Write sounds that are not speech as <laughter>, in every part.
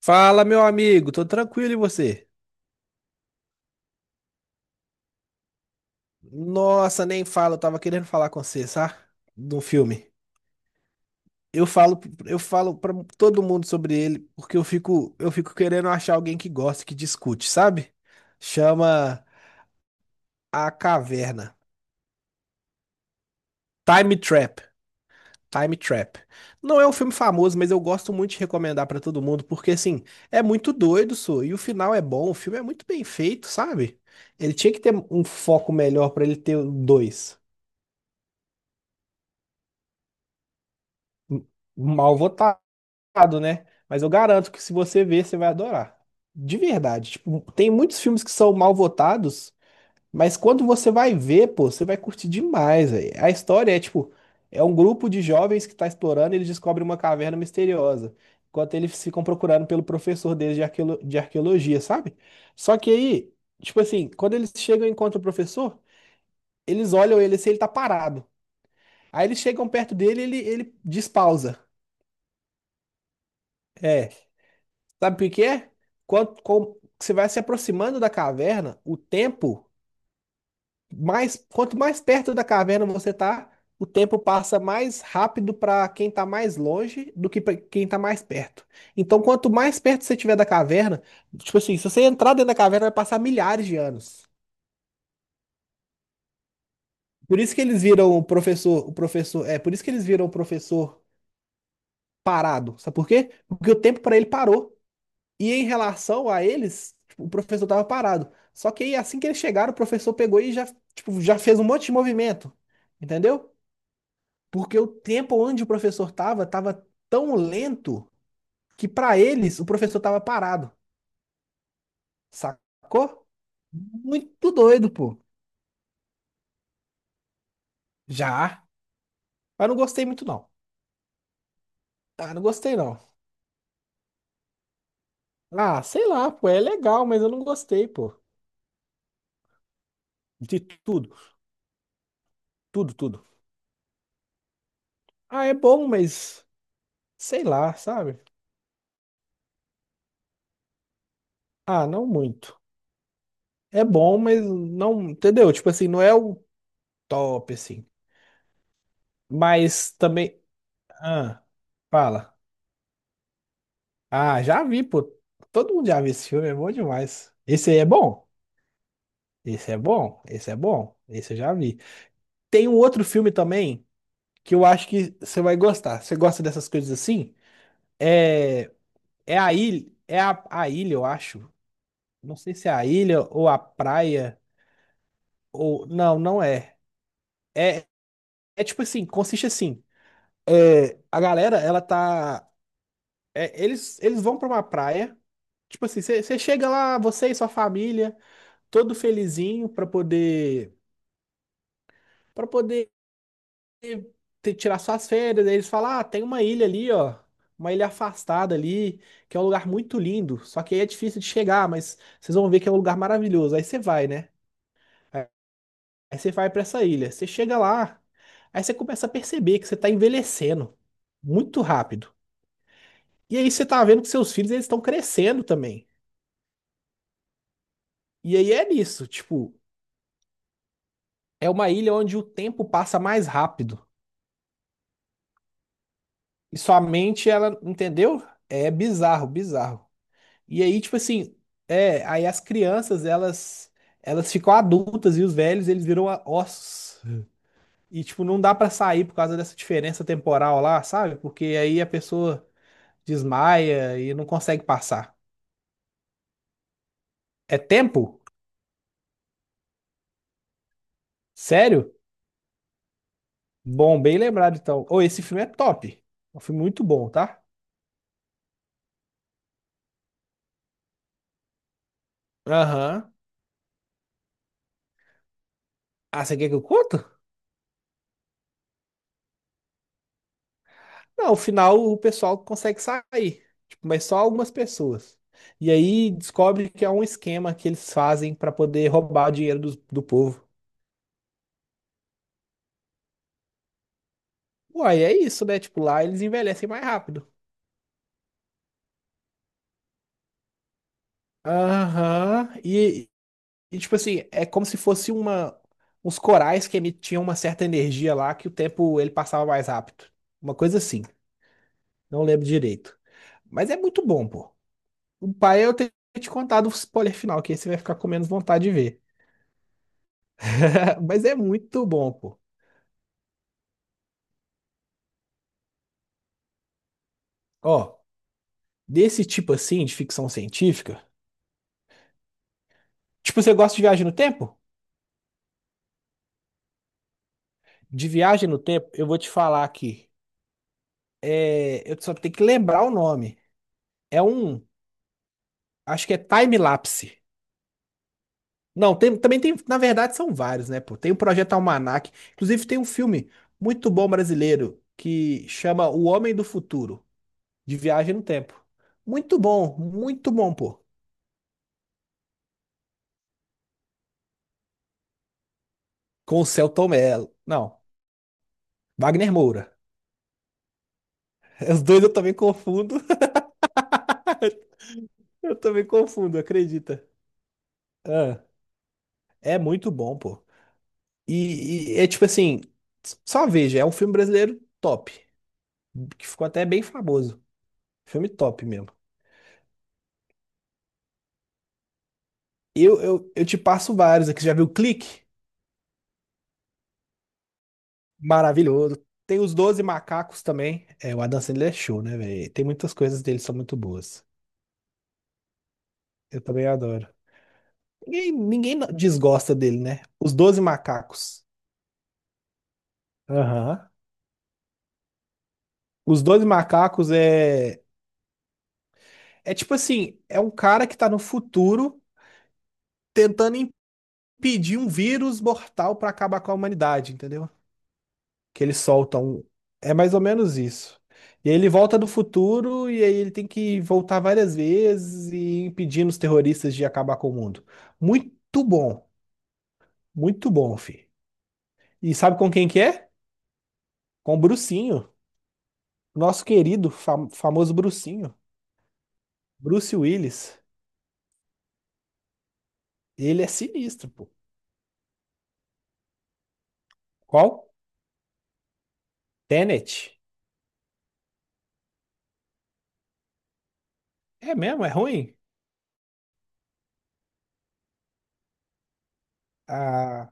Fala, meu amigo, tô tranquilo e você? Nossa, nem falo, eu tava querendo falar com você, sabe? De um filme. Eu falo, eu falo para todo mundo sobre ele porque eu fico querendo achar alguém que goste, que discute, sabe? Chama A Caverna. Time Trap. Time Trap. Não é um filme famoso, mas eu gosto muito de recomendar pra todo mundo porque assim, é muito doido, sou, e o final é bom, o filme é muito bem feito, sabe? Ele tinha que ter um foco melhor pra ele ter dois. Mal votado, né? Mas eu garanto que se você ver, você vai adorar. De verdade. Tipo, tem muitos filmes que são mal votados, mas quando você vai ver, pô, você vai curtir demais, velho. A história é tipo, é um grupo de jovens que tá explorando e eles descobrem uma caverna misteriosa. Enquanto eles ficam procurando pelo professor deles de arqueologia, sabe? Só que aí, tipo assim, quando eles chegam e encontram o professor, eles olham ele se ele tá parado. Aí eles chegam perto dele, e ele despausa. É. Sabe por quê? Você vai se aproximando da caverna, o tempo, mais, quanto mais perto da caverna você tá, o tempo passa mais rápido para quem tá mais longe do que para quem tá mais perto. Então, quanto mais perto você tiver da caverna, tipo assim, se você entrar dentro da caverna, vai passar milhares de anos. Por isso que eles viram o professor, por isso que eles viram o professor parado. Sabe por quê? Porque o tempo para ele parou. E em relação a eles, tipo, o professor estava parado. Só que aí, assim que eles chegaram, o professor pegou e já, tipo, já fez um monte de movimento. Entendeu? Porque o tempo onde o professor estava, estava tão lento que para eles o professor estava parado. Sacou? Muito doido, pô. Já. Mas não gostei muito, não. Ah, não gostei, não. Ah, sei lá, pô. É legal, mas eu não gostei, pô. De tudo, tudo, tudo. Ah, é bom, mas sei lá, sabe? Ah, não muito. É bom, mas não, entendeu? Tipo assim, não é o top, assim. Mas também. Ah, fala. Ah, já vi, pô. Todo mundo já viu esse filme, é bom demais. Esse aí é bom. Esse é bom. Esse é bom. Esse eu já vi. Tem um outro filme também que eu acho que você vai gostar. Você gosta dessas coisas assim? É, é a ilha. É a ilha, eu acho. Não sei se é a ilha ou a praia. Ou. Não, não é. É, é tipo assim, consiste assim. É, a galera, ela tá. É, eles vão pra uma praia. Tipo assim, você chega lá, você e sua família, todo felizinho pra poder para poder tirar suas férias. Aí eles falam: "Ah, tem uma ilha ali, ó, uma ilha afastada ali, que é um lugar muito lindo, só que aí é difícil de chegar, mas vocês vão ver que é um lugar maravilhoso". Aí você vai, né? Aí você vai pra essa ilha. Você chega lá, aí você começa a perceber que você tá envelhecendo muito rápido. E aí você tá vendo que seus filhos eles estão crescendo também. E aí é nisso, tipo, é uma ilha onde o tempo passa mais rápido. E sua mente, ela, entendeu? É bizarro, bizarro. E aí, tipo assim, é, aí as crianças, elas ficam adultas e os velhos, eles viram ossos. E tipo, não dá pra sair por causa dessa diferença temporal lá, sabe? Porque aí a pessoa desmaia e não consegue passar. É tempo? Sério? Bom, bem lembrado então. Ô, esse filme é top. É um filme muito bom, tá? Aham. Ah, você quer que eu conto? Não, ao final o pessoal consegue sair, tipo, mas só algumas pessoas. E aí descobre que é um esquema que eles fazem para poder roubar o dinheiro do povo. Uai, é isso, né? Tipo, lá eles envelhecem mais rápido. Aham. Tipo assim, é como se fosse uma uns corais que emitiam uma certa energia lá que o tempo ele passava mais rápido. Uma coisa assim. Não lembro direito. Mas é muito bom, pô. O pai eu tenho que te contado o spoiler final, que aí você vai ficar com menos vontade de ver. <laughs> Mas é muito bom, pô. Ó, desse tipo assim de ficção científica. Tipo, você gosta de viagem no tempo? De viagem no tempo, eu vou te falar aqui. É, eu só tenho que lembrar o nome. É um, acho que é Time Lapse. Não, também tem, na verdade são vários, né, pô? Tem o Projeto Almanac, inclusive tem um filme muito bom brasileiro que chama O Homem do Futuro, de viagem no tempo. Muito bom, pô. Com o Selton Mello. Não, Wagner Moura. <laughs> Os dois eu também confundo. Eu também confundo, acredita? Ah, é muito bom, pô. E é tipo assim, só veja, é um filme brasileiro top, que ficou até bem famoso. Filme top mesmo. Eu te passo vários aqui. Você já viu Clique? Maravilhoso. Tem os Doze Macacos também. É, o Adam Sandler é show, né, velho? Tem muitas coisas dele que são muito boas. Eu também adoro. Ninguém desgosta dele, né? Os Doze Macacos. Aham. Os Doze Macacos é. É tipo assim, é um cara que tá no futuro tentando impedir um vírus mortal pra acabar com a humanidade, entendeu? Que eles soltam. Um, é mais ou menos isso. E aí ele volta do futuro e aí ele tem que voltar várias vezes e impedindo os terroristas de acabar com o mundo. Muito bom, muito bom, filho. E sabe com quem que é? Com o Brucinho, nosso querido, famoso Brucinho, Bruce Willis. Ele é sinistro, pô. Qual? Tenet. É mesmo, é ruim? Ah,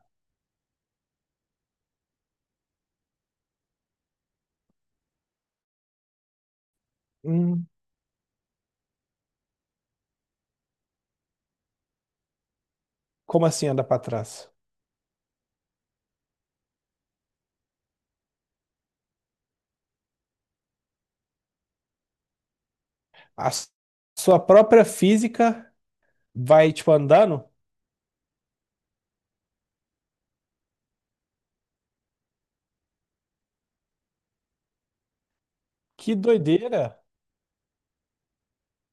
hum, como assim andar para trás? A s- Sua própria física vai, tipo, andando? Que doideira!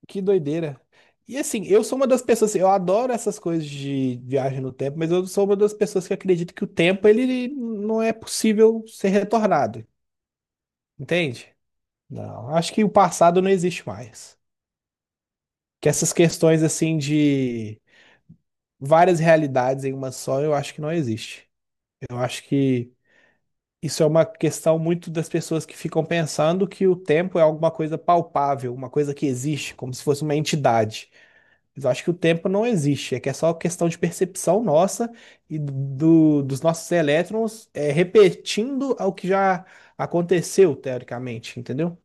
Que doideira! E assim, eu sou uma das pessoas, assim, eu adoro essas coisas de viagem no tempo, mas eu sou uma das pessoas que acredita que o tempo ele não é possível ser retornado, entende? Não, acho que o passado não existe mais. Que essas questões assim de várias realidades em uma só, eu acho que não existe. Eu acho que isso é uma questão muito das pessoas que ficam pensando que o tempo é alguma coisa palpável, uma coisa que existe, como se fosse uma entidade. Mas eu acho que o tempo não existe, é que é só questão de percepção nossa e dos nossos elétrons é, repetindo o que já aconteceu, teoricamente, entendeu?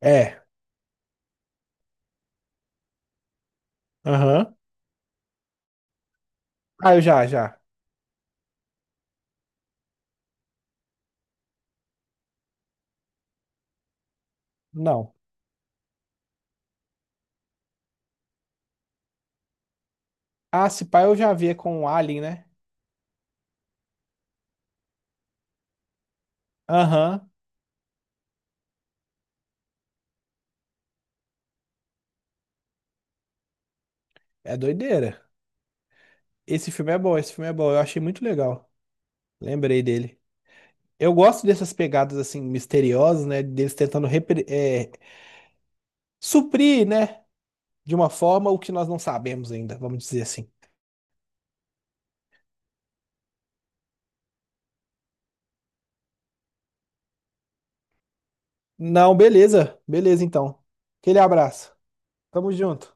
É. Aham. Ah, eu já, já. Não. Ah, se pá, eu já vi com o Alien, né? Aham. É doideira. Esse filme é bom, esse filme é bom. Eu achei muito legal. Lembrei dele. Eu gosto dessas pegadas assim misteriosas, né? Deles tentando é, suprir, né? De uma forma o que nós não sabemos ainda, vamos dizer assim. Não, beleza, beleza então. Aquele abraço. Tamo junto.